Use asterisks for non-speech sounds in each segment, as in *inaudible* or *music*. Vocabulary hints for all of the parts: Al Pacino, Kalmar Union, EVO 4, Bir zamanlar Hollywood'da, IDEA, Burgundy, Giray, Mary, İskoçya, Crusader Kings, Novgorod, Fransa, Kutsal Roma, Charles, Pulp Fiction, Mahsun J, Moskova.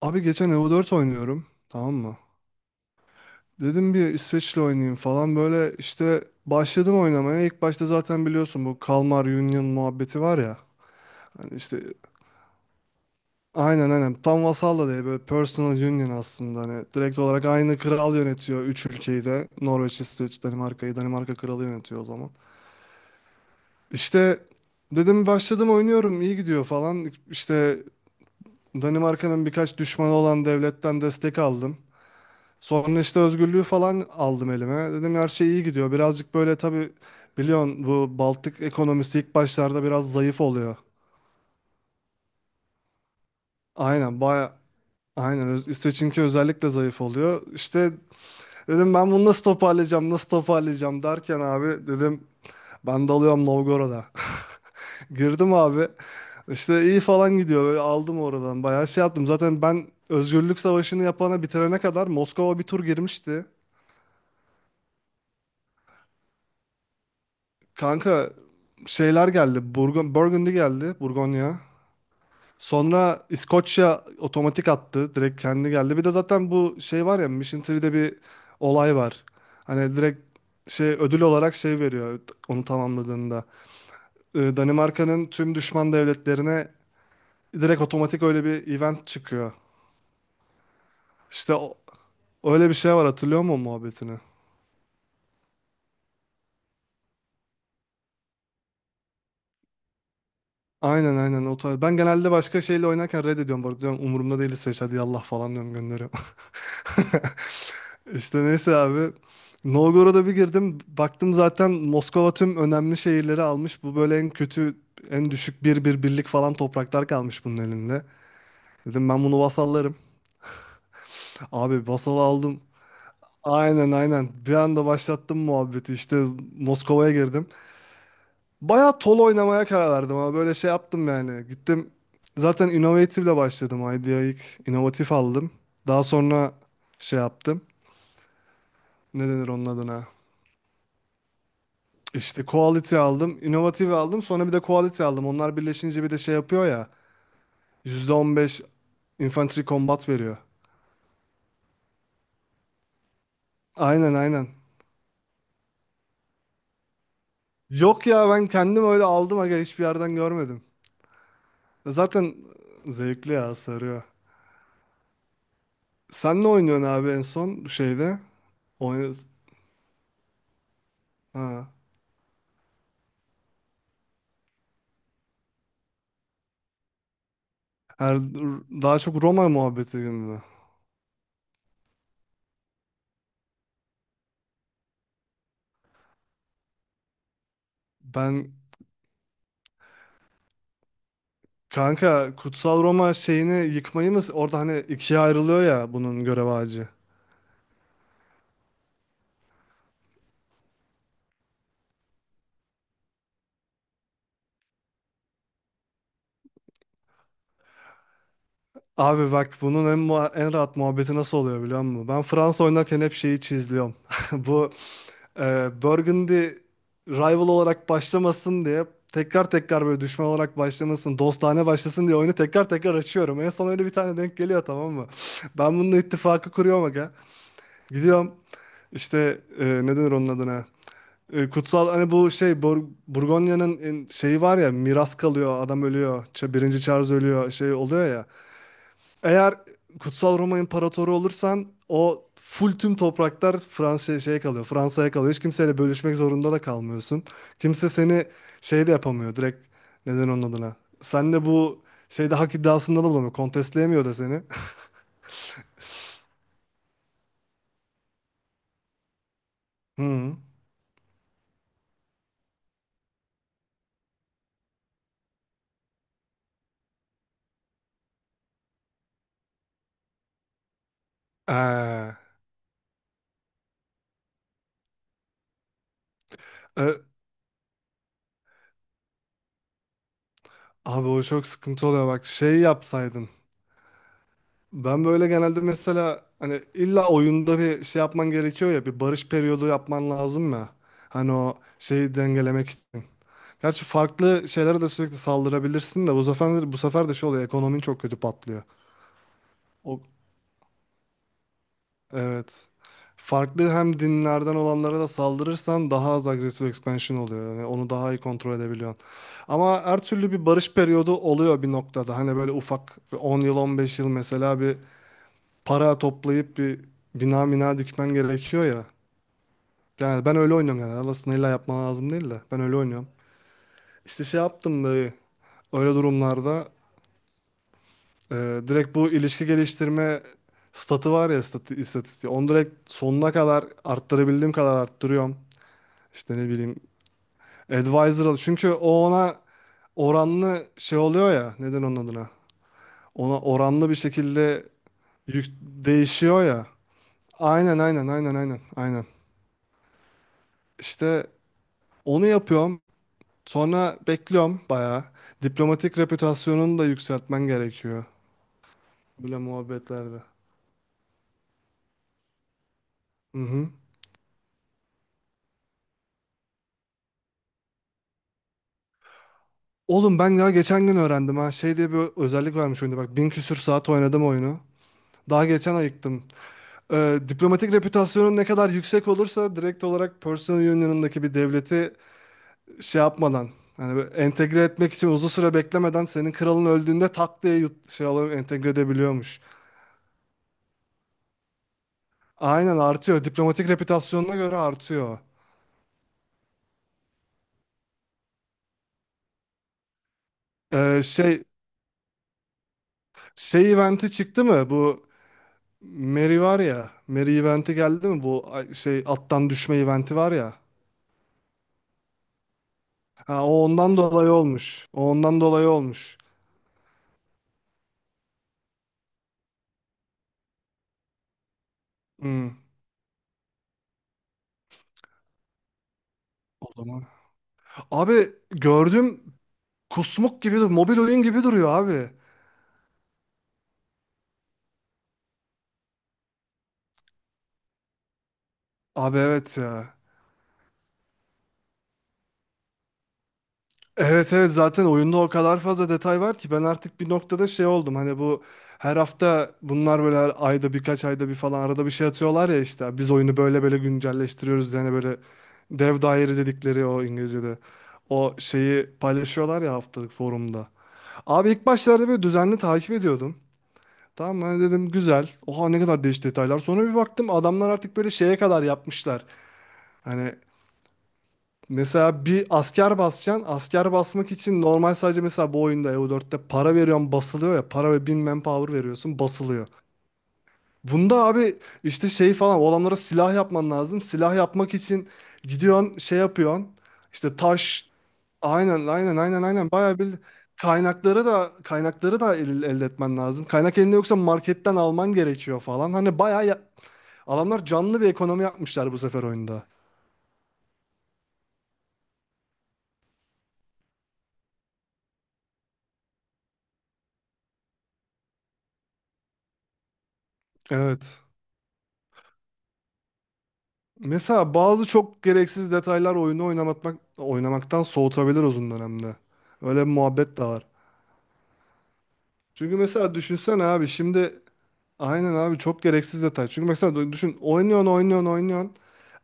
Abi geçen EVO 4 oynuyorum. Tamam mı? Dedim bir İsveç'le oynayayım falan böyle işte başladım oynamaya. İlk başta zaten biliyorsun bu Kalmar Union muhabbeti var ya. Hani işte aynen aynen tam vasal da değil böyle personal union aslında hani direkt olarak aynı kral yönetiyor 3 ülkeyi de. Norveç, İsveç, Danimarka'yı Danimarka kralı yönetiyor o zaman. İşte dedim başladım oynuyorum iyi gidiyor falan. İşte Danimarka'nın birkaç düşmanı olan devletten destek aldım. Sonra işte özgürlüğü falan aldım elime. Dedim her şey iyi gidiyor. Birazcık böyle tabii biliyorsun bu Baltık ekonomisi ilk başlarda biraz zayıf oluyor. Aynen baya aynen İsveç'inki özellikle zayıf oluyor. İşte dedim ben bunu nasıl toparlayacağım nasıl toparlayacağım derken abi dedim ben dalıyorum Novgorod'a. *laughs* Girdim abi. İşte iyi falan gidiyor. Böyle aldım oradan. Bayağı şey yaptım. Zaten ben Özgürlük Savaşı'nı yapana bitirene kadar Moskova bir tur girmişti. Kanka şeyler geldi. Burgundy geldi. Burgonya. Sonra İskoçya otomatik attı. Direkt kendi geldi. Bir de zaten bu şey var ya Mission Tree'de bir olay var. Hani direkt şey ödül olarak şey veriyor onu tamamladığında. Danimarka'nın tüm düşman devletlerine direkt otomatik öyle bir event çıkıyor. İşte öyle bir şey var, hatırlıyor musun muhabbetini? Aynen aynen o tarz. Ben genelde başka şeyle oynarken reddediyorum bu arada diyorum umurumda değil İsveç hadi yallah falan diyorum gönderiyorum. İşte neyse abi. Novgorod'a bir girdim. Baktım zaten Moskova tüm önemli şehirleri almış. Bu böyle en kötü, en düşük bir birlik falan topraklar kalmış bunun elinde. Dedim ben bunu vasallarım. Abi vasal aldım. Aynen aynen. Bir anda başlattım muhabbeti. İşte Moskova'ya girdim. Bayağı tol oynamaya karar verdim ama böyle şey yaptım yani. Gittim zaten Innovative ile başladım. IDEA ilk inovatif aldım. Daha sonra şey yaptım. Ne denir onun adına? İşte quality aldım, innovative aldım, sonra bir de quality aldım. Onlar birleşince bir de şey yapıyor ya, %15 infantry combat veriyor. Aynen aynen. Yok ya ben kendim öyle aldım aga hiçbir yerden görmedim. Zaten zevkli ya sarıyor. Sen ne oynuyorsun abi en son şeyde? Oyun ha. Her, daha çok Roma muhabbeti gibi mi? Ben kanka Kutsal Roma şeyini yıkmayı mı orada hani ikiye ayrılıyor ya bunun görev ağacı. Abi bak bunun en rahat muhabbeti nasıl oluyor biliyor musun? Ben Fransa oynarken hep şeyi çizliyorum. *laughs* Bu Burgundy rival olarak başlamasın diye tekrar tekrar böyle düşman olarak başlamasın, dostane başlasın diye oyunu tekrar tekrar açıyorum. En son öyle bir tane denk geliyor tamam mı? *laughs* Ben bununla ittifakı kuruyorum aga. Gidiyorum işte ne denir onun adına? Kutsal hani bu şey Burgonya'nın şeyi var ya, miras kalıyor, adam ölüyor. Birinci Charles ölüyor şey oluyor ya. Eğer Kutsal Roma İmparatoru olursan o full tüm topraklar Fransa'ya şeye kalıyor. Fransa'ya kalıyor. Hiç kimseyle bölüşmek zorunda da kalmıyorsun. Kimse seni şey de yapamıyor direkt neden onun adına. Sen de bu şeyde hak iddiasında da bulamıyor. Kontestleyemiyor da seni. *laughs* Hı. Ee, e, Abi o çok sıkıntı oluyor bak şey yapsaydın. Ben böyle genelde mesela hani illa oyunda bir şey yapman gerekiyor ya bir barış periyodu yapman lazım ya. Hani o şeyi dengelemek için. Gerçi farklı şeylere de sürekli saldırabilirsin de bu sefer, bu sefer de şey oluyor ekonomin çok kötü patlıyor. O, evet. Farklı hem dinlerden olanlara da saldırırsan daha az agresif expansion oluyor. Yani onu daha iyi kontrol edebiliyorsun. Ama her türlü bir barış periyodu oluyor bir noktada. Hani böyle ufak bir 10 yıl 15 yıl mesela bir para toplayıp bir bina mina dikmen gerekiyor ya. Yani ben öyle oynuyorum yani. Aslında illa yapman lazım değil de ben öyle oynuyorum. İşte şey yaptım böyle öyle durumlarda. Direkt bu ilişki geliştirme statı var ya, statı, istatistiği. Onu direkt sonuna kadar arttırabildiğim kadar arttırıyorum. İşte ne bileyim advisor al. Çünkü o ona oranlı şey oluyor ya, neden onun adına? Ona oranlı bir şekilde yük değişiyor ya. Aynen aynen aynen aynen aynen. İşte onu yapıyorum. Sonra bekliyorum bayağı. Diplomatik reputasyonunu da yükseltmen gerekiyor. Böyle muhabbetlerde. Hı hı. Oğlum ben daha geçen gün öğrendim ha. Şey diye bir özellik varmış oyunda bak. 1000 küsür saat oynadım oyunu. Daha geçen ayıktım. Diplomatik reputasyonun ne kadar yüksek olursa direkt olarak personal union'ındaki bir devleti şey yapmadan hani böyle entegre etmek için uzun süre beklemeden senin kralın öldüğünde tak diye şey alıp entegre edebiliyormuş. Aynen artıyor. Diplomatik reputasyonuna göre artıyor. Ee, şey şey eventi çıktı mı? Bu Mary var ya. Mary eventi geldi mi? Bu şey attan düşme eventi var ya. Ha, o ondan dolayı olmuş. O ondan dolayı olmuş. Hmm, o zaman. Abi gördüm kusmuk gibi dur. Mobil oyun gibi duruyor abi. Abi evet ya. Evet evet zaten oyunda o kadar fazla detay var ki ben artık bir noktada şey oldum. Hani bu her hafta bunlar böyle her ayda birkaç ayda bir falan arada bir şey atıyorlar ya işte. Biz oyunu böyle böyle güncelleştiriyoruz. Yani böyle dev daire dedikleri o İngilizce'de. O şeyi paylaşıyorlar ya haftalık forumda. Abi ilk başlarda böyle düzenli takip ediyordum. Tamam ben dedim güzel. Oha ne kadar değişik detaylar. Sonra bir baktım adamlar artık böyle şeye kadar yapmışlar. Hani mesela bir asker basacaksın. Asker basmak için normal sadece mesela bu oyunda EU4'te para veriyorsun basılıyor ya. Para ve 1000 manpower veriyorsun basılıyor. Bunda abi işte şey falan o adamlara silah yapman lazım. Silah yapmak için gidiyorsun şey yapıyorsun. İşte taş aynen aynen aynen aynen bayağı bir kaynakları da elde etmen lazım. Kaynak elinde yoksa marketten alman gerekiyor falan. Hani adamlar canlı bir ekonomi yapmışlar bu sefer oyunda. Evet. Mesela bazı çok gereksiz detaylar oyunu oynamaktan soğutabilir uzun dönemde. Öyle bir muhabbet de var. Çünkü mesela düşünsene abi şimdi aynen abi çok gereksiz detay. Çünkü mesela düşün oynuyorsun oynuyorsun oynuyorsun.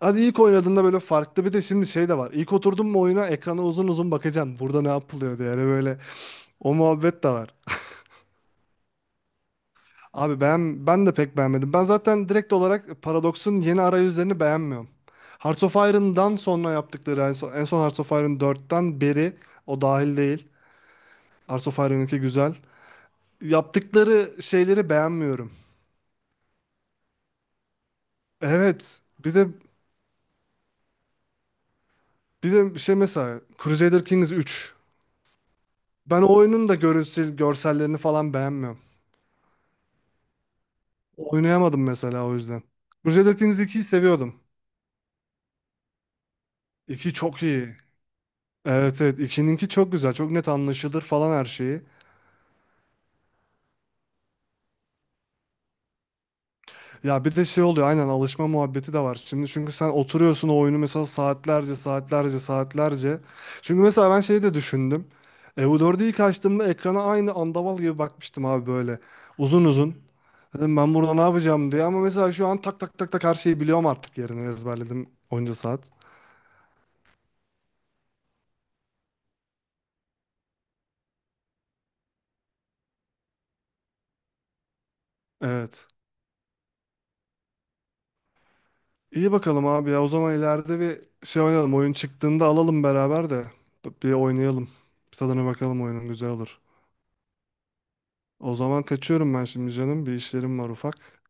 Hadi ilk oynadığında böyle farklı bir de şimdi şey de var. İlk oturdun mu oyuna ekrana uzun uzun bakacaksın. Burada ne yapılıyor diye yani böyle o muhabbet de var. Abi ben de pek beğenmedim. Ben zaten direkt olarak Paradox'un yeni arayüzlerini beğenmiyorum. Hearts of Iron'dan sonra yaptıkları en son Hearts of Iron 4'ten beri o dahil değil. Hearts of Iron güzel. Yaptıkları şeyleri beğenmiyorum. Evet. Bir de bir şey mesela Crusader Kings 3. Ben o oyunun da görsellerini falan beğenmiyorum. Oynayamadım mesela o yüzden. Crusader Kings 2'yi seviyordum. 2 çok iyi. Evet evet 2'ninki çok güzel. Çok net anlaşılır falan her şeyi. Ya bir de şey oluyor aynen alışma muhabbeti de var. Şimdi çünkü sen oturuyorsun o oyunu mesela saatlerce saatlerce saatlerce. Çünkü mesela ben şeyi de düşündüm. EU dördü ilk açtığımda ekrana aynı andaval gibi bakmıştım abi böyle. Uzun uzun. Dedim ben burada ne yapacağım diye ama mesela şu an tak tak tak tak her şeyi biliyorum artık yerini ezberledim onca saat. Evet. İyi bakalım abi ya o zaman ileride bir şey oynayalım. Oyun çıktığında alalım beraber de bir oynayalım. Bir tadına bakalım oyunun güzel olur. O zaman kaçıyorum ben şimdi canım. Bir işlerim var ufak.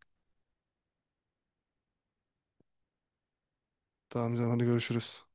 Tamam canım hadi görüşürüz.